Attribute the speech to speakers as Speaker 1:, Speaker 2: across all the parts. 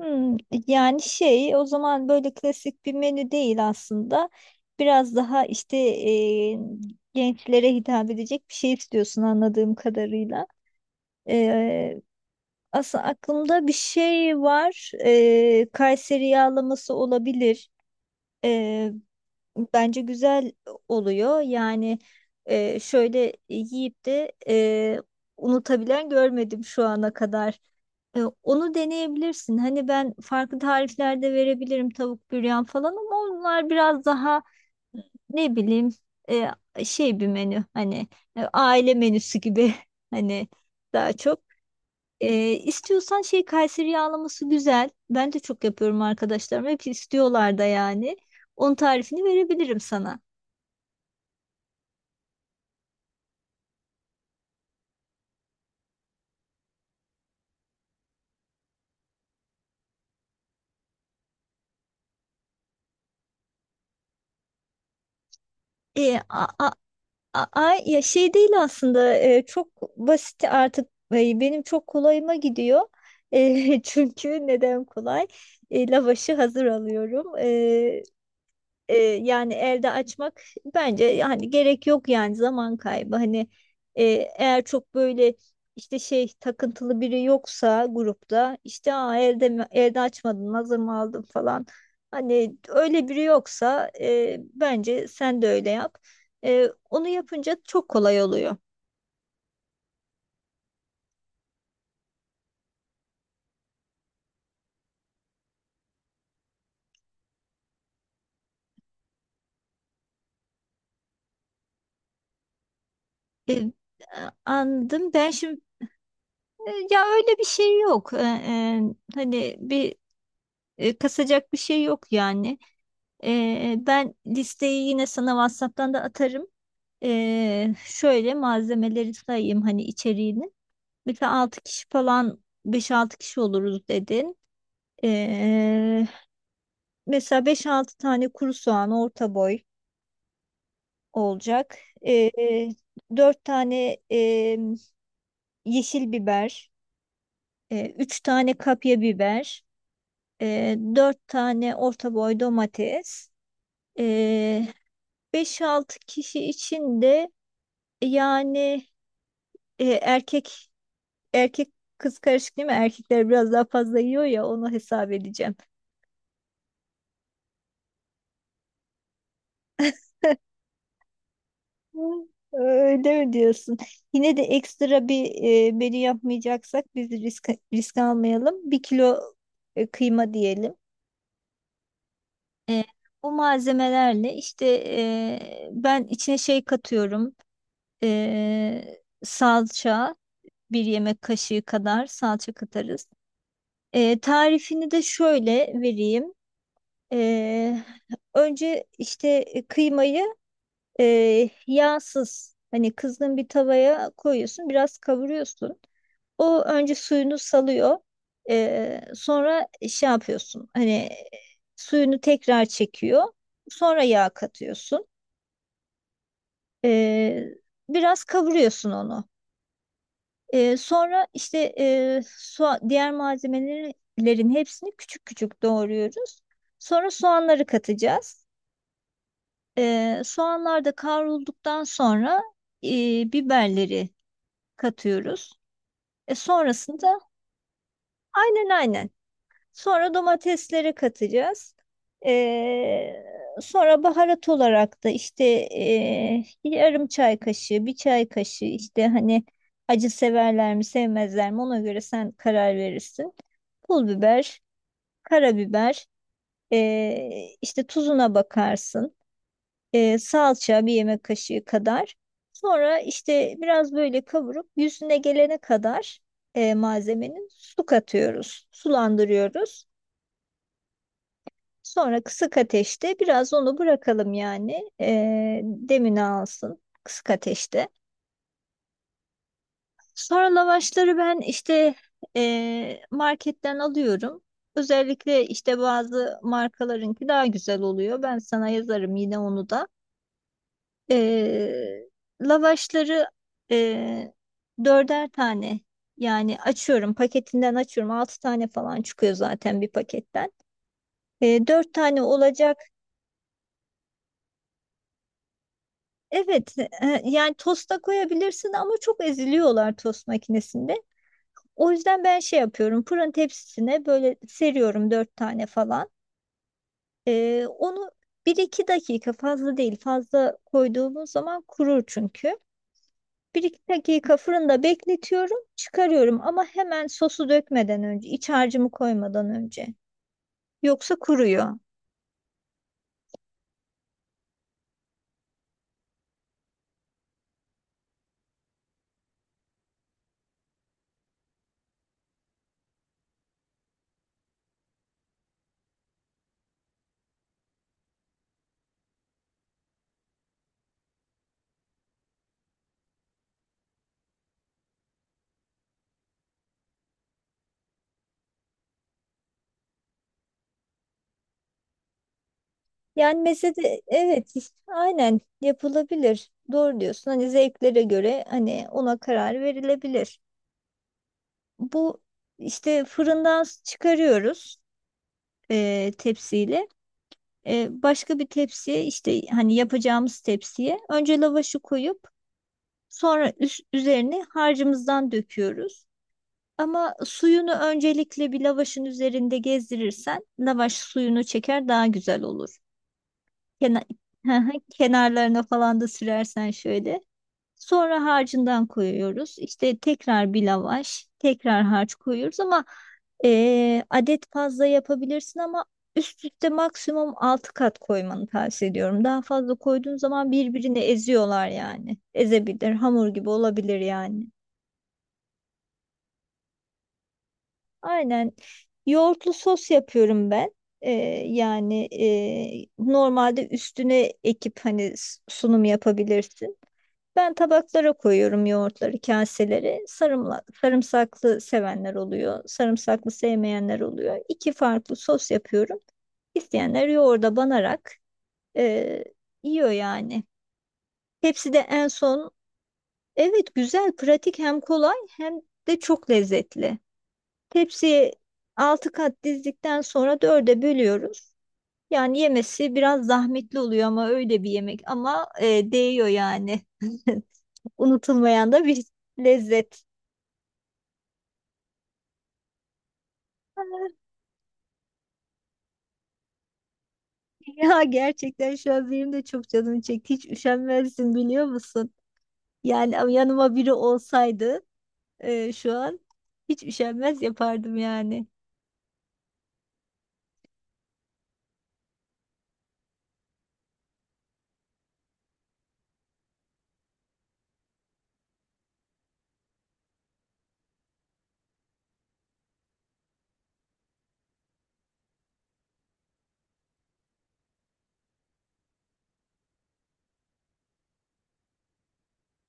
Speaker 1: Hmm, yani şey o zaman böyle klasik bir menü değil aslında. Biraz daha işte gençlere hitap edecek bir şey istiyorsun anladığım kadarıyla. E, Aslında aklımda bir şey var. Kayseri yağlaması olabilir. E, Bence güzel oluyor. Yani şöyle yiyip de unutabilen görmedim şu ana kadar. Onu deneyebilirsin. Hani ben farklı tariflerde verebilirim tavuk büryan falan ama onlar biraz daha ne bileyim şey bir menü, hani aile menüsü gibi hani daha çok. İstiyorsan şey, Kayseri yağlaması güzel. Ben de çok yapıyorum, arkadaşlarım hep istiyorlar da yani. Onun tarifini verebilirim sana. E, a- a- Ay ya, şey değil aslında, çok basit artık, benim çok kolayıma gidiyor. Çünkü neden kolay? Lavaşı hazır alıyorum, yani elde açmak bence yani gerek yok, yani zaman kaybı, hani e, eğer çok böyle işte şey takıntılı biri yoksa grupta, işte aa, elde elde açmadın, hazır mı aldın falan, hani öyle biri yoksa bence sen de öyle yap. Onu yapınca çok kolay oluyor. E, Anladım ben şimdi, ya öyle bir şey yok. Hani bir kasacak bir şey yok yani. Ben listeyi yine sana WhatsApp'tan da atarım. Şöyle malzemeleri sayayım, hani içeriğini. Mesela 6 kişi falan, beş altı kişi oluruz dedin. Ee, Mesela beş altı tane kuru soğan orta boy olacak. Ee, 4 tane yeşil biber, 3 tane kapya biber, 4 tane orta boy domates. Ee, 5-6 kişi için de yani e, erkek erkek kız karışık değil mi? Erkekler biraz daha fazla yiyor ya, onu hesap edeceğim. Hı, öyle mi diyorsun? Yine de ekstra bir menü yapmayacaksak biz risk almayalım. Bir kilo kıyma diyelim. E, Bu malzemelerle işte ben içine şey katıyorum. Salça, bir yemek kaşığı kadar salça katarız. Tarifini de şöyle vereyim. Ee, Önce işte kıymayı yağsız, hani kızgın bir tavaya koyuyorsun, biraz kavuruyorsun. O önce suyunu salıyor. Sonra şey yapıyorsun hani, suyunu tekrar çekiyor. Sonra yağ katıyorsun. Ee, Biraz kavuruyorsun onu. Sonra işte diğer malzemelerin hepsini küçük küçük doğruyoruz. Sonra soğanları katacağız. Soğanlar da kavrulduktan sonra biberleri katıyoruz. Sonrasında aynen aynen. Sonra domatesleri katacağız. Ee, Sonra baharat olarak da işte yarım çay kaşığı, bir çay kaşığı, işte hani acı severler mi sevmezler mi ona göre sen karar verirsin. Pul biber, karabiber, işte tuzuna bakarsın. Salça bir yemek kaşığı kadar. Sonra işte biraz böyle kavurup yüzüne gelene kadar malzemenin, su katıyoruz, sulandırıyoruz. Sonra kısık ateşte biraz onu bırakalım yani, demini alsın kısık ateşte. Sonra lavaşları ben işte marketten alıyorum. Özellikle işte bazı markalarınki daha güzel oluyor. Ben sana yazarım yine onu da. Ee, Lavaşları e, dörder tane, yani açıyorum paketinden, açıyorum altı tane falan çıkıyor zaten bir paketten. Dört tane olacak. Evet, yani tosta koyabilirsin ama çok eziliyorlar tost makinesinde. O yüzden ben şey yapıyorum, fırın tepsisine böyle seriyorum dört tane falan. Onu bir iki dakika, fazla değil, fazla koyduğumuz zaman kurur çünkü. Bir iki dakika fırında bekletiyorum, çıkarıyorum, ama hemen sosu dökmeden önce, iç harcımı koymadan önce. Yoksa kuruyor. Yani mesela evet, aynen yapılabilir. Doğru diyorsun. Hani zevklere göre, hani ona karar verilebilir. Bu işte, fırından çıkarıyoruz tepsiyle. Başka bir tepsiye, işte hani yapacağımız tepsiye önce lavaşı koyup sonra üzerine harcımızdan döküyoruz. Ama suyunu öncelikle bir lavaşın üzerinde gezdirirsen lavaş suyunu çeker, daha güzel olur. Kenar, kenarlarına falan da sürersen şöyle. Sonra harcından koyuyoruz. İşte tekrar bir lavaş, tekrar harç koyuyoruz, ama adet fazla yapabilirsin, ama üst üste maksimum 6 kat koymanı tavsiye ediyorum. Daha fazla koyduğun zaman birbirini eziyorlar yani. Ezebilir, hamur gibi olabilir yani. Aynen. Yoğurtlu sos yapıyorum ben. Ee, Yani normalde üstüne ekip hani sunum yapabilirsin. Ben tabaklara koyuyorum yoğurtları, kaselere. Sarımla, sarımsaklı sevenler oluyor, sarımsaklı sevmeyenler oluyor. İki farklı sos yapıyorum. İsteyenler yoğurda banarak e, yiyor yani. Hepsi de en son, evet güzel, pratik, hem kolay hem de çok lezzetli. Tepsiye 6 kat dizdikten sonra dörde bölüyoruz. Yani yemesi biraz zahmetli oluyor, ama öyle bir yemek ama, değiyor yani. Unutulmayan da bir lezzet. Ah, ya gerçekten şu an benim de çok canım çekti. Hiç üşenmezsin biliyor musun? Yani ama yanıma biri olsaydı şu an hiç üşenmez yapardım yani.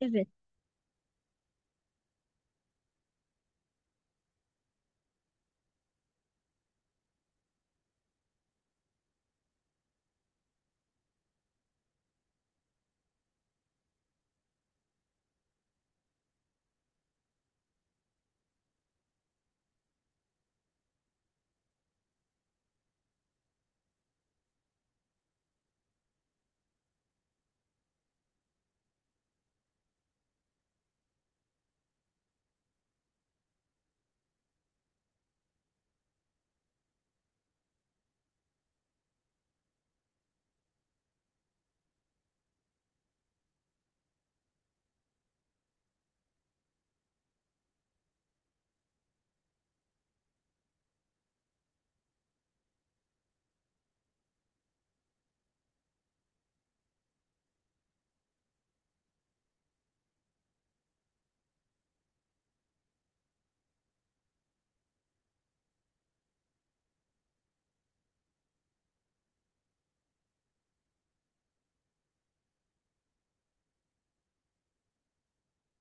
Speaker 1: Evet,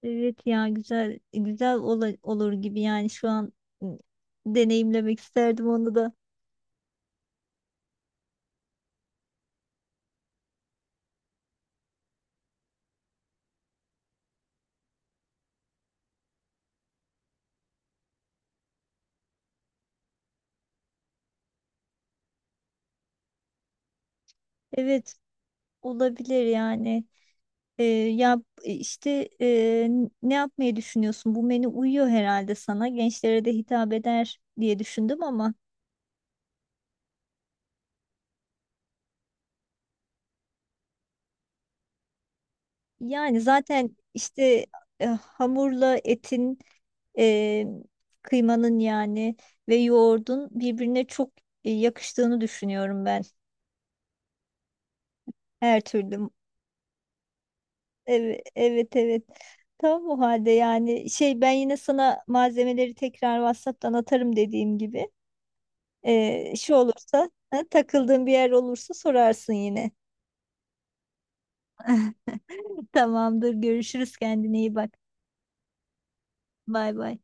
Speaker 1: evet ya, güzel güzel olur gibi yani şu an, ı, deneyimlemek isterdim onu da. Evet, olabilir yani. Ya işte ne yapmayı düşünüyorsun? Bu menü uyuyor herhalde sana. Gençlere de hitap eder diye düşündüm, ama yani zaten işte hamurla etin, e, kıymanın yani ve yoğurdun birbirine çok yakıştığını düşünüyorum ben. Her türlü. Evet, evet, evet. Tamam o halde, yani şey, ben yine sana malzemeleri tekrar WhatsApp'tan atarım dediğim gibi. Şu olursa ha, takıldığın bir yer olursa sorarsın yine. Tamamdır. Görüşürüz. Kendine iyi bak. Bay bay.